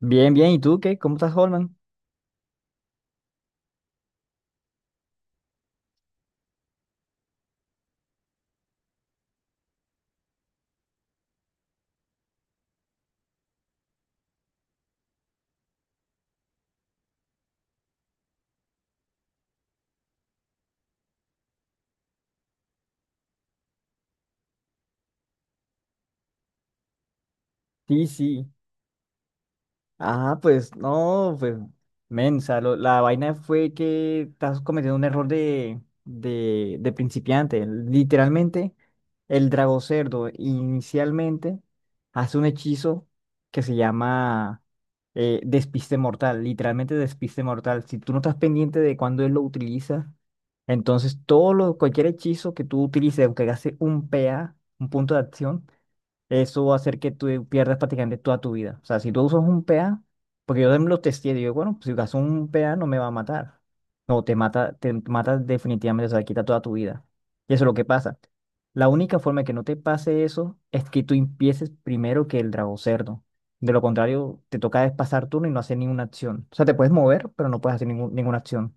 Bien, bien. ¿Y tú qué? ¿Cómo estás, Holman? Sí, sí. Ah, pues no, pues, men, o sea, la vaina fue que estás cometiendo un error de principiante. Literalmente, el drago cerdo inicialmente hace un hechizo que se llama despiste mortal, literalmente despiste mortal. Si tú no estás pendiente de cuándo él lo utiliza, entonces cualquier hechizo que tú utilices, aunque hace un PA, un punto de acción, eso va a hacer que tú pierdas prácticamente toda tu vida. O sea, si tú usas un PA, porque yo también lo testé, digo, bueno, pues, si usas un PA no me va a matar. No, te mata definitivamente, o sea, quita toda tu vida. Y eso es lo que pasa. La única forma de que no te pase eso es que tú empieces primero que el drago cerdo. De lo contrario, te toca es pasar turno y no hacer ninguna acción. O sea, te puedes mover, pero no puedes hacer ninguna acción.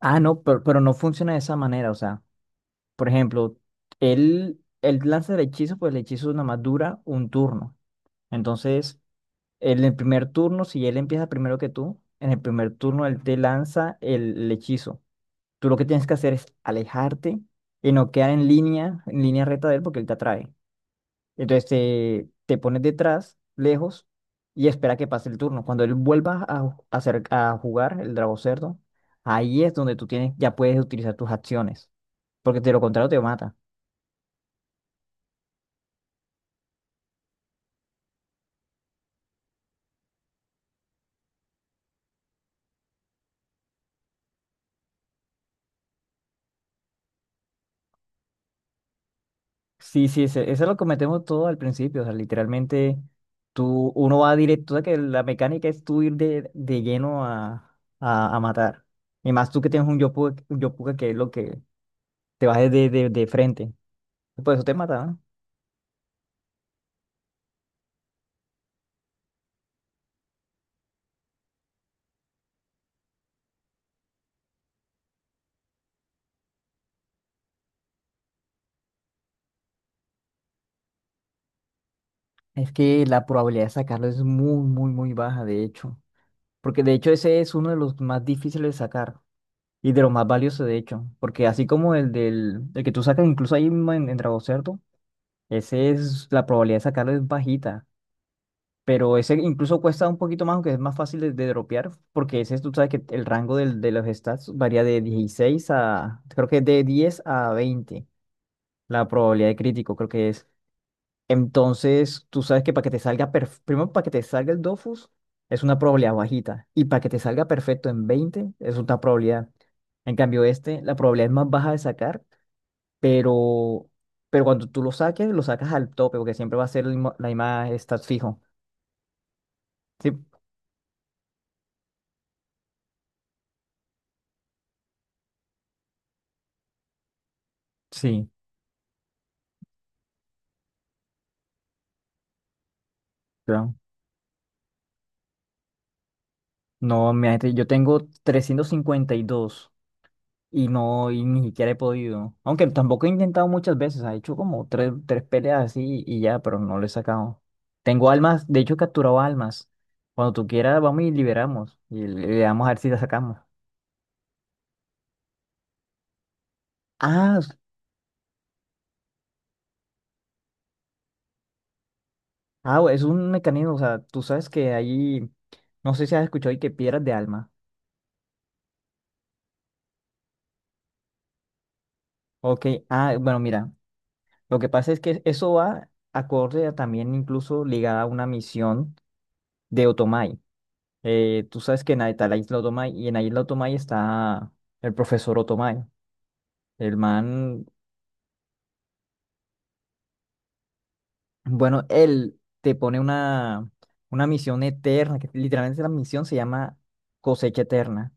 Ah, no, pero no funciona de esa manera, o sea. Por ejemplo, él lanza el hechizo, pues el hechizo nada más dura un turno. Entonces, en el primer turno, si él empieza primero que tú, en el primer turno él te lanza el hechizo. Tú lo que tienes que hacer es alejarte y no quedar en línea recta de él porque él te atrae. Entonces te pones detrás, lejos, y espera que pase el turno. Cuando él vuelva a, ju- a hacer, a jugar el drago cerdo, ahí es donde ya puedes utilizar tus acciones, porque de lo contrario te mata. Sí, sí, eso es lo que metemos todo al principio. O sea, literalmente uno va directo, o sea, que la mecánica es tú ir de lleno a matar. Y más tú que tienes un yopuka que es lo que te vas de frente. Y por eso te mata, ¿no? Es que la probabilidad de sacarlo es muy, muy, muy baja, de hecho. Porque de hecho ese es uno de los más difíciles de sacar y de los más valiosos, de hecho. Porque así como el que tú sacas incluso ahí mismo en Dragocerto, la probabilidad de sacarlo es bajita. Pero ese incluso cuesta un poquito más, aunque es más fácil de dropear, porque ese tú sabes que el rango de los stats varía creo que de 10 a 20 la probabilidad de crítico creo que es. Entonces, tú sabes que para que te salga, primero para que te salga el Dofus es una probabilidad bajita, y para que te salga perfecto en 20 es una probabilidad. En cambio, este, la probabilidad es más baja de sacar, pero, pero cuando tú lo saques, lo sacas al tope, porque siempre va a ser la misma stats fijo. Sí, sí, claro. No, imagínate, yo tengo 352 y ni siquiera he podido. Aunque tampoco he intentado muchas veces, ha hecho como tres peleas así y ya, pero no lo he sacado. Tengo almas, de hecho he capturado almas. Cuando tú quieras, vamos y liberamos y le damos a ver si la sacamos. Ah, s- ah, es un mecanismo, o sea, tú sabes que ahí, no sé si has escuchado y que piedras de alma. Ok, ah, bueno, mira, lo que pasa es que eso va acorde a también incluso ligada a una misión de Otomai. Tú sabes que está la isla Otomay y en la isla Otomay está el profesor Otomay. El man, bueno, él te pone una misión eterna, que literalmente la misión se llama cosecha eterna.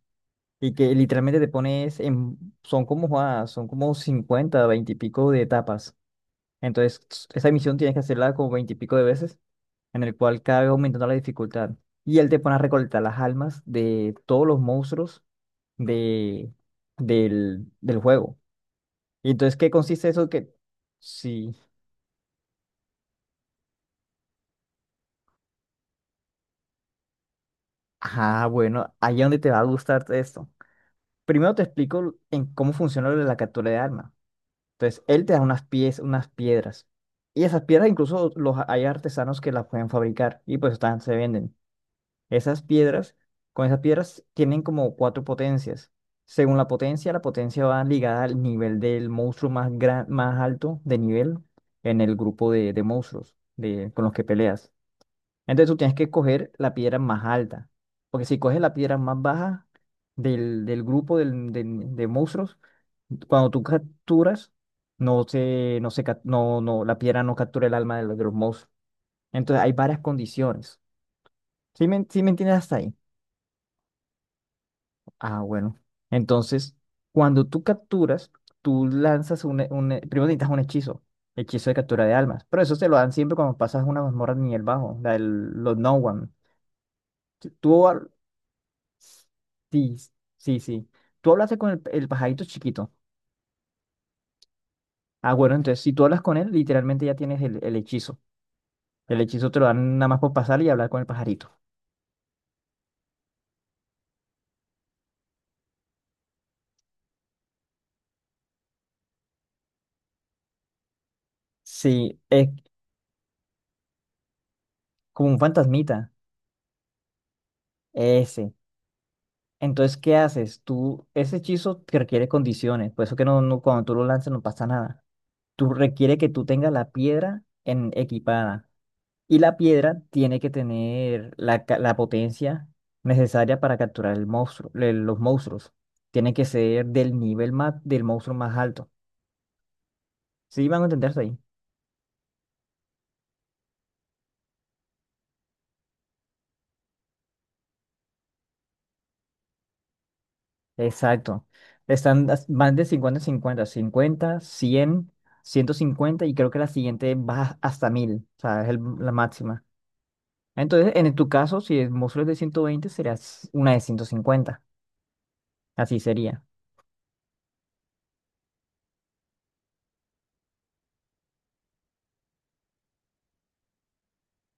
Y que literalmente son como, joda, son como 50 20 y pico de etapas. Entonces, esa misión tienes que hacerla como 20 y pico de veces, en el cual cada vez aumentando la dificultad. Y él te pone a recolectar las almas de todos los monstruos de, del juego. Y entonces, ¿qué consiste eso? Que sí. Ah, bueno, ahí es donde te va a gustar esto. Primero te explico en cómo funciona lo de la captura de armas. Entonces, él te da unas piedras. Y esas piedras incluso los hay artesanos que las pueden fabricar y pues están, se venden. Esas piedras, con esas piedras tienen como cuatro potencias. Según la potencia va ligada al nivel del monstruo más alto de nivel en el grupo de monstruos con los que peleas. Entonces tú tienes que coger la piedra más alta, porque si coges la piedra más baja del grupo de monstruos, cuando tú capturas, no se, no se, cap- no, no, la piedra no captura el alma de los monstruos. Entonces hay varias condiciones. ¿Sí me entiendes hasta ahí? Ah, bueno. Entonces, cuando tú capturas, tú lanzas primero necesitas un hechizo de captura de almas, pero eso te lo dan siempre cuando pasas una mazmorra de nivel bajo, los No One. Tú, tú hab- sí, sí, sí. Tú hablaste con el pajarito chiquito. Ah, bueno, entonces si tú hablas con él, literalmente ya tienes el hechizo. El hechizo te lo dan nada más por pasar y hablar con el pajarito. Sí, es como un fantasmita. Ese. Entonces, ¿qué haces? Ese hechizo te requiere condiciones, por eso que cuando tú lo lanzas no pasa nada. Tú requiere que tú tengas la piedra equipada y la piedra tiene que tener la potencia necesaria para capturar los monstruos. Tiene que ser del monstruo más alto. ¿Sí van a entenderse ahí? Exacto. Están más de 50 en cincuenta cincuenta, cien ciento cincuenta y creo que la siguiente va hasta 1000, o sea, es la máxima. Entonces, en tu caso, si el monstruo es de 120, serás una de 150. Así sería.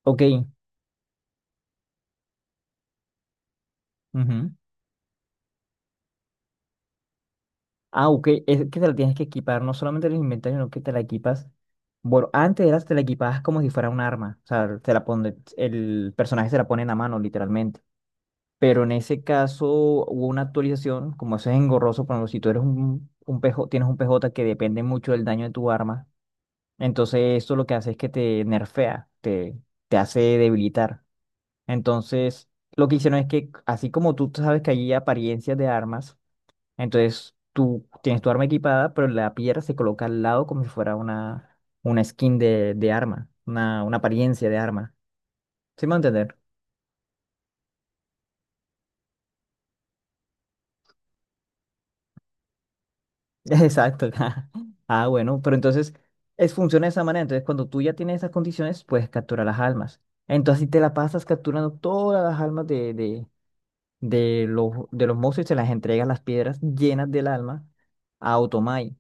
Ok. Ujú. Ah, ok. Es que te la tienes que equipar, no solamente en el inventario, sino que te la equipas. Bueno, te la equipabas como si fuera un arma. O sea, el personaje se la pone en la mano, literalmente. Pero en ese caso hubo una actualización, como eso es engorroso, por ejemplo, si tú eres un PJ, tienes un PJ que depende mucho del daño de tu arma, entonces esto lo que hace es que te nerfea, te hace debilitar. Entonces, lo que hicieron es que, así como tú sabes que hay apariencias de armas, entonces tú tienes tu arma equipada, pero la piedra se coloca al lado como si fuera una skin de arma, una apariencia de arma. ¿Sí me va a entender? Exacto. Ah, bueno, pero entonces funciona de esa manera. Entonces, cuando tú ya tienes esas condiciones, puedes capturar las almas. Entonces, si te la pasas capturando todas las almas de los monstruos y se las entregas las piedras llenas del alma a Otomai.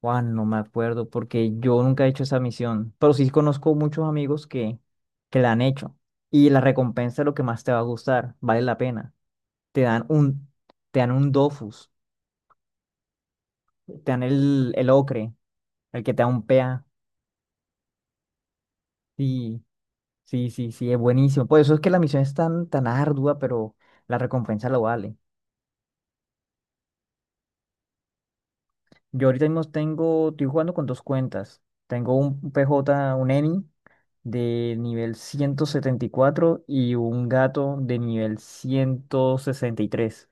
Juan, no me acuerdo porque yo nunca he hecho esa misión, pero sí conozco muchos amigos que la han hecho y la recompensa es lo que más te va a gustar, vale la pena. Te dan un, te dan un Dofus, te dan el ocre, el que te da un pea. Sí, sí, sí, sí, es buenísimo. Por eso es que la misión es tan, tan ardua, pero la recompensa lo vale. Yo ahorita mismo estoy jugando con dos cuentas. Tengo un PJ, un Eni de nivel 174 y un gato de nivel 163.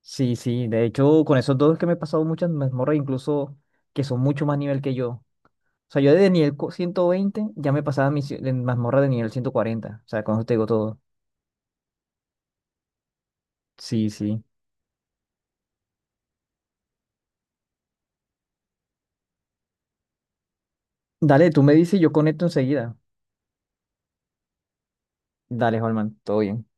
Sí, sí, de hecho, con esos dos es que me he pasado muchas mazmorras, incluso que son mucho más nivel que yo. O sea, yo desde nivel 120 ya me pasaba en mazmorra de nivel 140. O sea, con eso te digo todo. Sí, sí. Dale, tú me dices y yo conecto enseguida. Dale, Holman, todo bien.